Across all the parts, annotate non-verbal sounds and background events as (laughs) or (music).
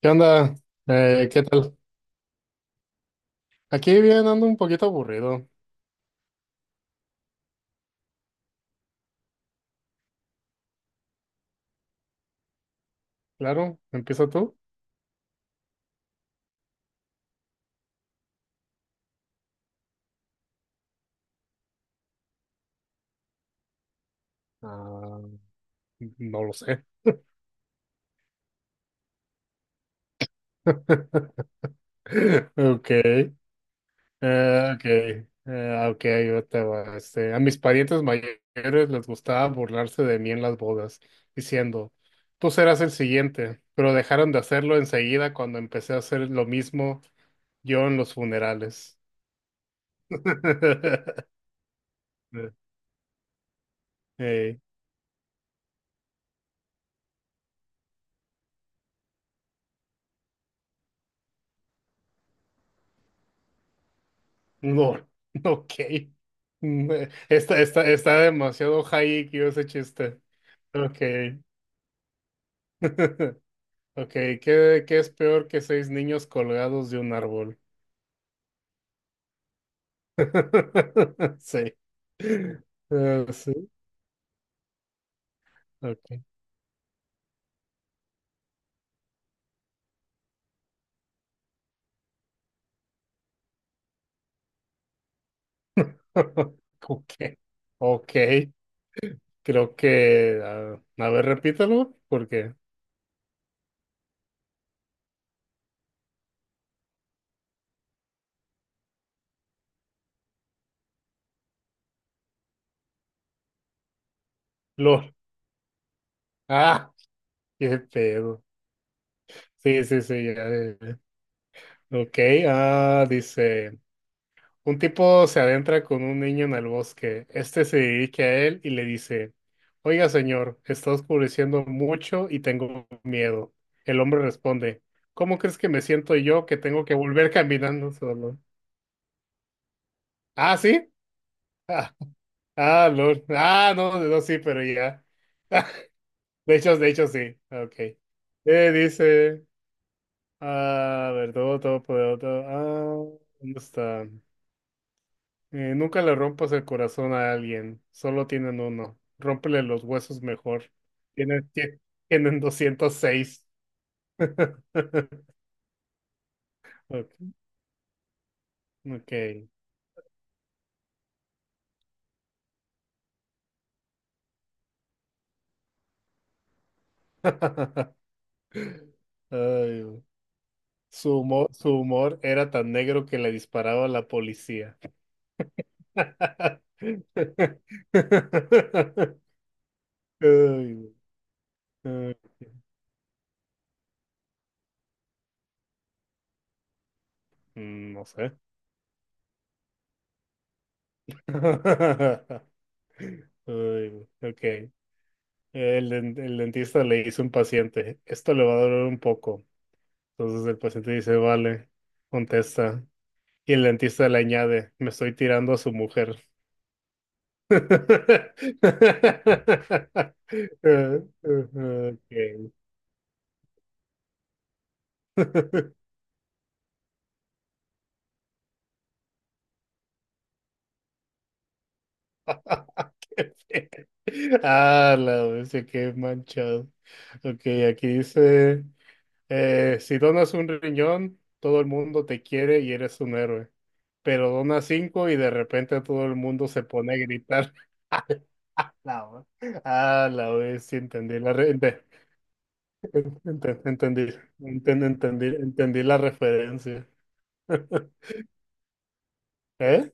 ¿Qué onda? ¿Qué tal? Aquí bien, ando un poquito aburrido. Claro, ¿empieza tú? Ah, no lo sé. (laughs) Ok, eh, ok, ok, yo te va. Este, a mis parientes mayores les gustaba burlarse de mí en las bodas, diciendo, tú serás el siguiente, pero dejaron de hacerlo enseguida cuando empecé a hacer lo mismo yo en los funerales. (laughs) Ey. No, (laughs) ok. Está demasiado high que ese chiste. Ok. (laughs) Ok, ¿qué es peor que seis niños colgados de un árbol? (laughs) Sí. Sí, ok. (laughs) Ok. Ok, creo que. A ver, repítalo, porque. LOL. Ah, qué pedo. Sí, sí, sí. Ya, ya, ya. Ok, dice. Un tipo se adentra con un niño en el bosque. Este se dirige a él y le dice, oiga, señor, está oscureciendo mucho y tengo miedo. El hombre responde, ¿cómo crees que me siento yo que tengo que volver (laughs) caminando solo? Ah, ¿sí? Ah, ah, Lord. Ah, no, no, sí, pero ya. (laughs) De hecho, sí. Ok. Dice, a ver, todo. ¿Dónde está? Nunca le rompas el corazón a alguien, solo tienen uno. Rómpele los huesos mejor. Tienen, tie- tienen 206. (laughs) Ok. Ok. (laughs) Ay, güey. Su humor era tan negro que le disparaba a la policía. (laughs) Ay, güey. Ay, no sé. (laughs) Ay, güey. Ok. El dentista le dice a un paciente, esto le va a doler un poco. Entonces el paciente dice, vale, contesta. Y el dentista le añade, me estoy tirando a su mujer. (laughs) Ok. (laughs) Qué feo. Ah, la bestia, qué manchado. Ok, aquí dice. Si donas un riñón, todo el mundo te quiere y eres un héroe. Pero donas cinco y de repente todo el mundo se pone a gritar. (laughs) La hue- Ah, la vez sí entendí la re- ente- ente- entendí, enten- entendí, entendí la referencia. (laughs) ¿Eh?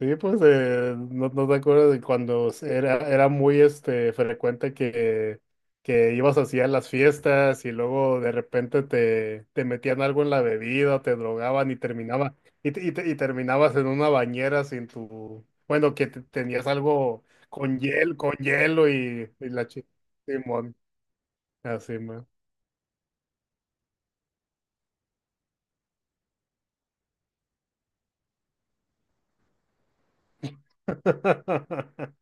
Sí, pues, no te acuerdas de cuando era muy este frecuente que ibas así a las fiestas y luego de repente te metían algo en la bebida, te drogaban y terminaba, y terminabas en una bañera sin tu, bueno, tenías algo con hielo y la chica, Simón, así. (laughs)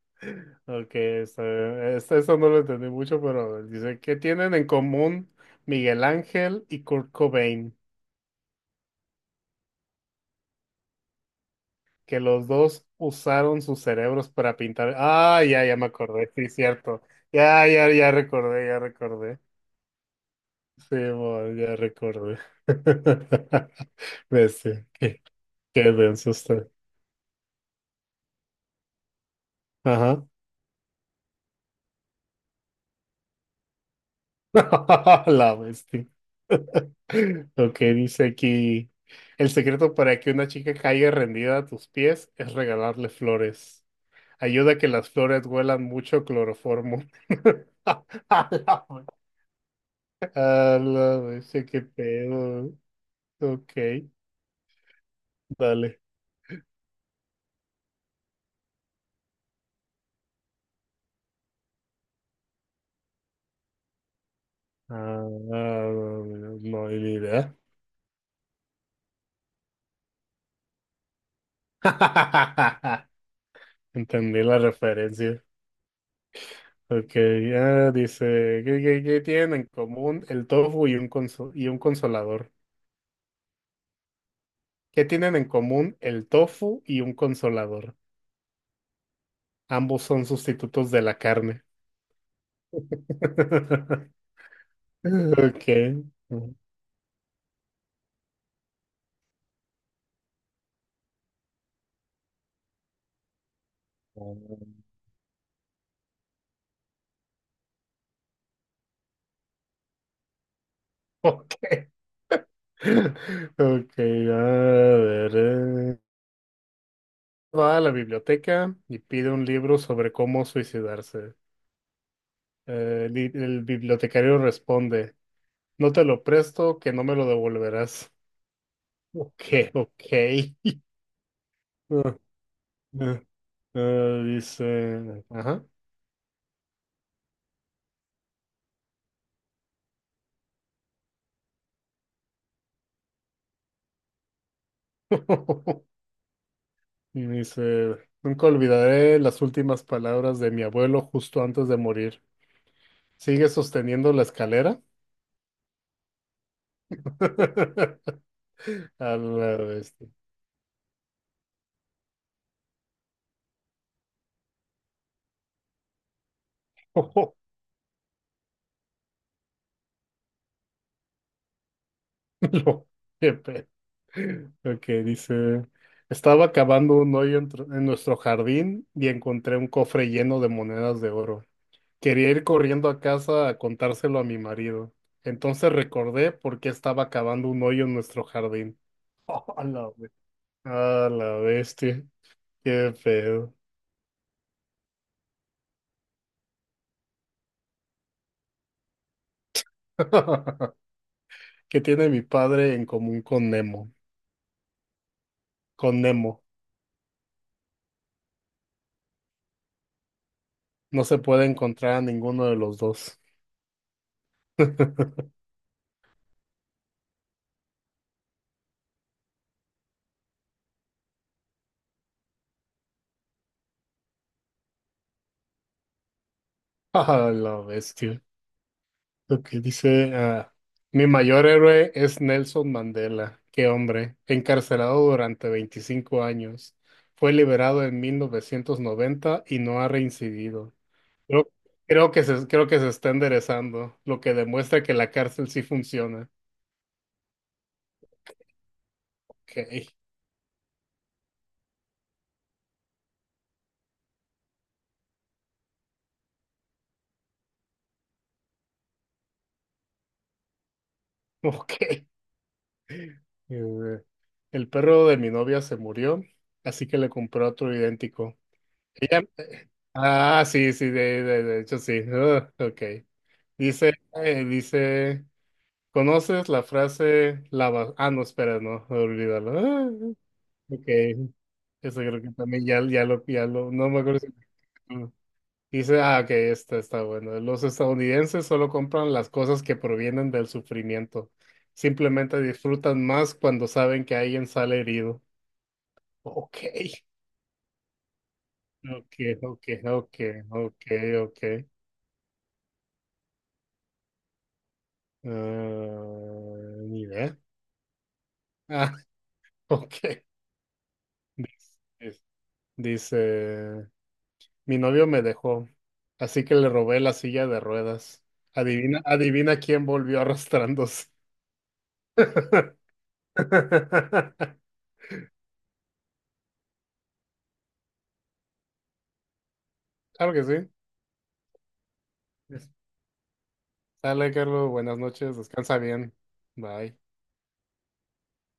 Ok, esto no lo entendí mucho, pero a ver, dice, ¿qué tienen en común Miguel Ángel y Kurt Cobain? Que los dos usaron sus cerebros para pintar. Ah, ya, ya me acordé, sí, cierto. Ya, ya, ya recordé, ya recordé. Sí, bueno, ya recordé. (laughs) Bestia, qué, qué denso está. Ajá. (laughs) La bestia. (laughs) Lo que dice aquí, el secreto para que una chica caiga rendida a tus pies es regalarle flores. Ayuda a que las flores huelan mucho cloroformo. (laughs) A la vez. A la vez, qué pedo. Ok, dale. Ah, no hay ni idea. (laughs) Entendí la referencia. Ok, ya dice, ¿qué tienen en común el tofu y un consolador? ¿Qué tienen en común el tofu y un consolador? Ambos son sustitutos de la carne. (laughs) Ok. Ok. (laughs) Ok, a ver. Va a la biblioteca y pide un libro sobre cómo suicidarse. El bibliotecario responde, no te lo presto, que no me lo devolverás. Ok, ok. (laughs) Ah, ah, Dice, ajá. (laughs) Y dice, nunca olvidaré las últimas palabras de mi abuelo justo antes de morir. ¿Sigue sosteniendo la escalera? (laughs) A la bestia. (laughs) Lo- qué pe- Ok, dice, estaba cavando un hoyo en nuestro jardín y encontré un cofre lleno de monedas de oro. Quería ir corriendo a casa a contárselo a mi marido. Entonces recordé por qué estaba cavando un hoyo en nuestro jardín. (laughs) a la, be- a la bestia. Qué feo. (laughs) ¿Qué tiene mi padre en común con Nemo? Con Nemo. No se puede encontrar a ninguno de los dos. (laughs) Ah, la bestia. Lo que dice, mi mayor héroe es Nelson Mandela. Qué hombre, encarcelado durante 25 años. Fue liberado en 1990 y no ha reincidido. Creo, creo que se está enderezando, lo que demuestra que la cárcel sí funciona. Ok, (laughs) ok. Eh, El perro de mi novia se murió, así que le compré otro idéntico. Ella, sí, sí, de hecho sí. Ah, ok. Dice, dice, ¿conoces la frase lava? Ah, no, espera, no, olvídalo. Ah, ok. Eso creo que también ya lo, no me acuerdo si. Mm. Dice, ok, esta está bueno. Los estadounidenses solo compran las cosas que provienen del sufrimiento. Simplemente disfrutan más cuando saben que alguien sale herido. Ok. Ok, ok, ok, ok, ok. Ah, ni idea. Ah, (laughs) ok. Dice, dice, mi novio me dejó, así que le robé la silla de ruedas. Adivina, adivina quién volvió arrastrándose. (laughs) Claro que sí. Sale, Carlos. Buenas noches. Descansa bien. Bye.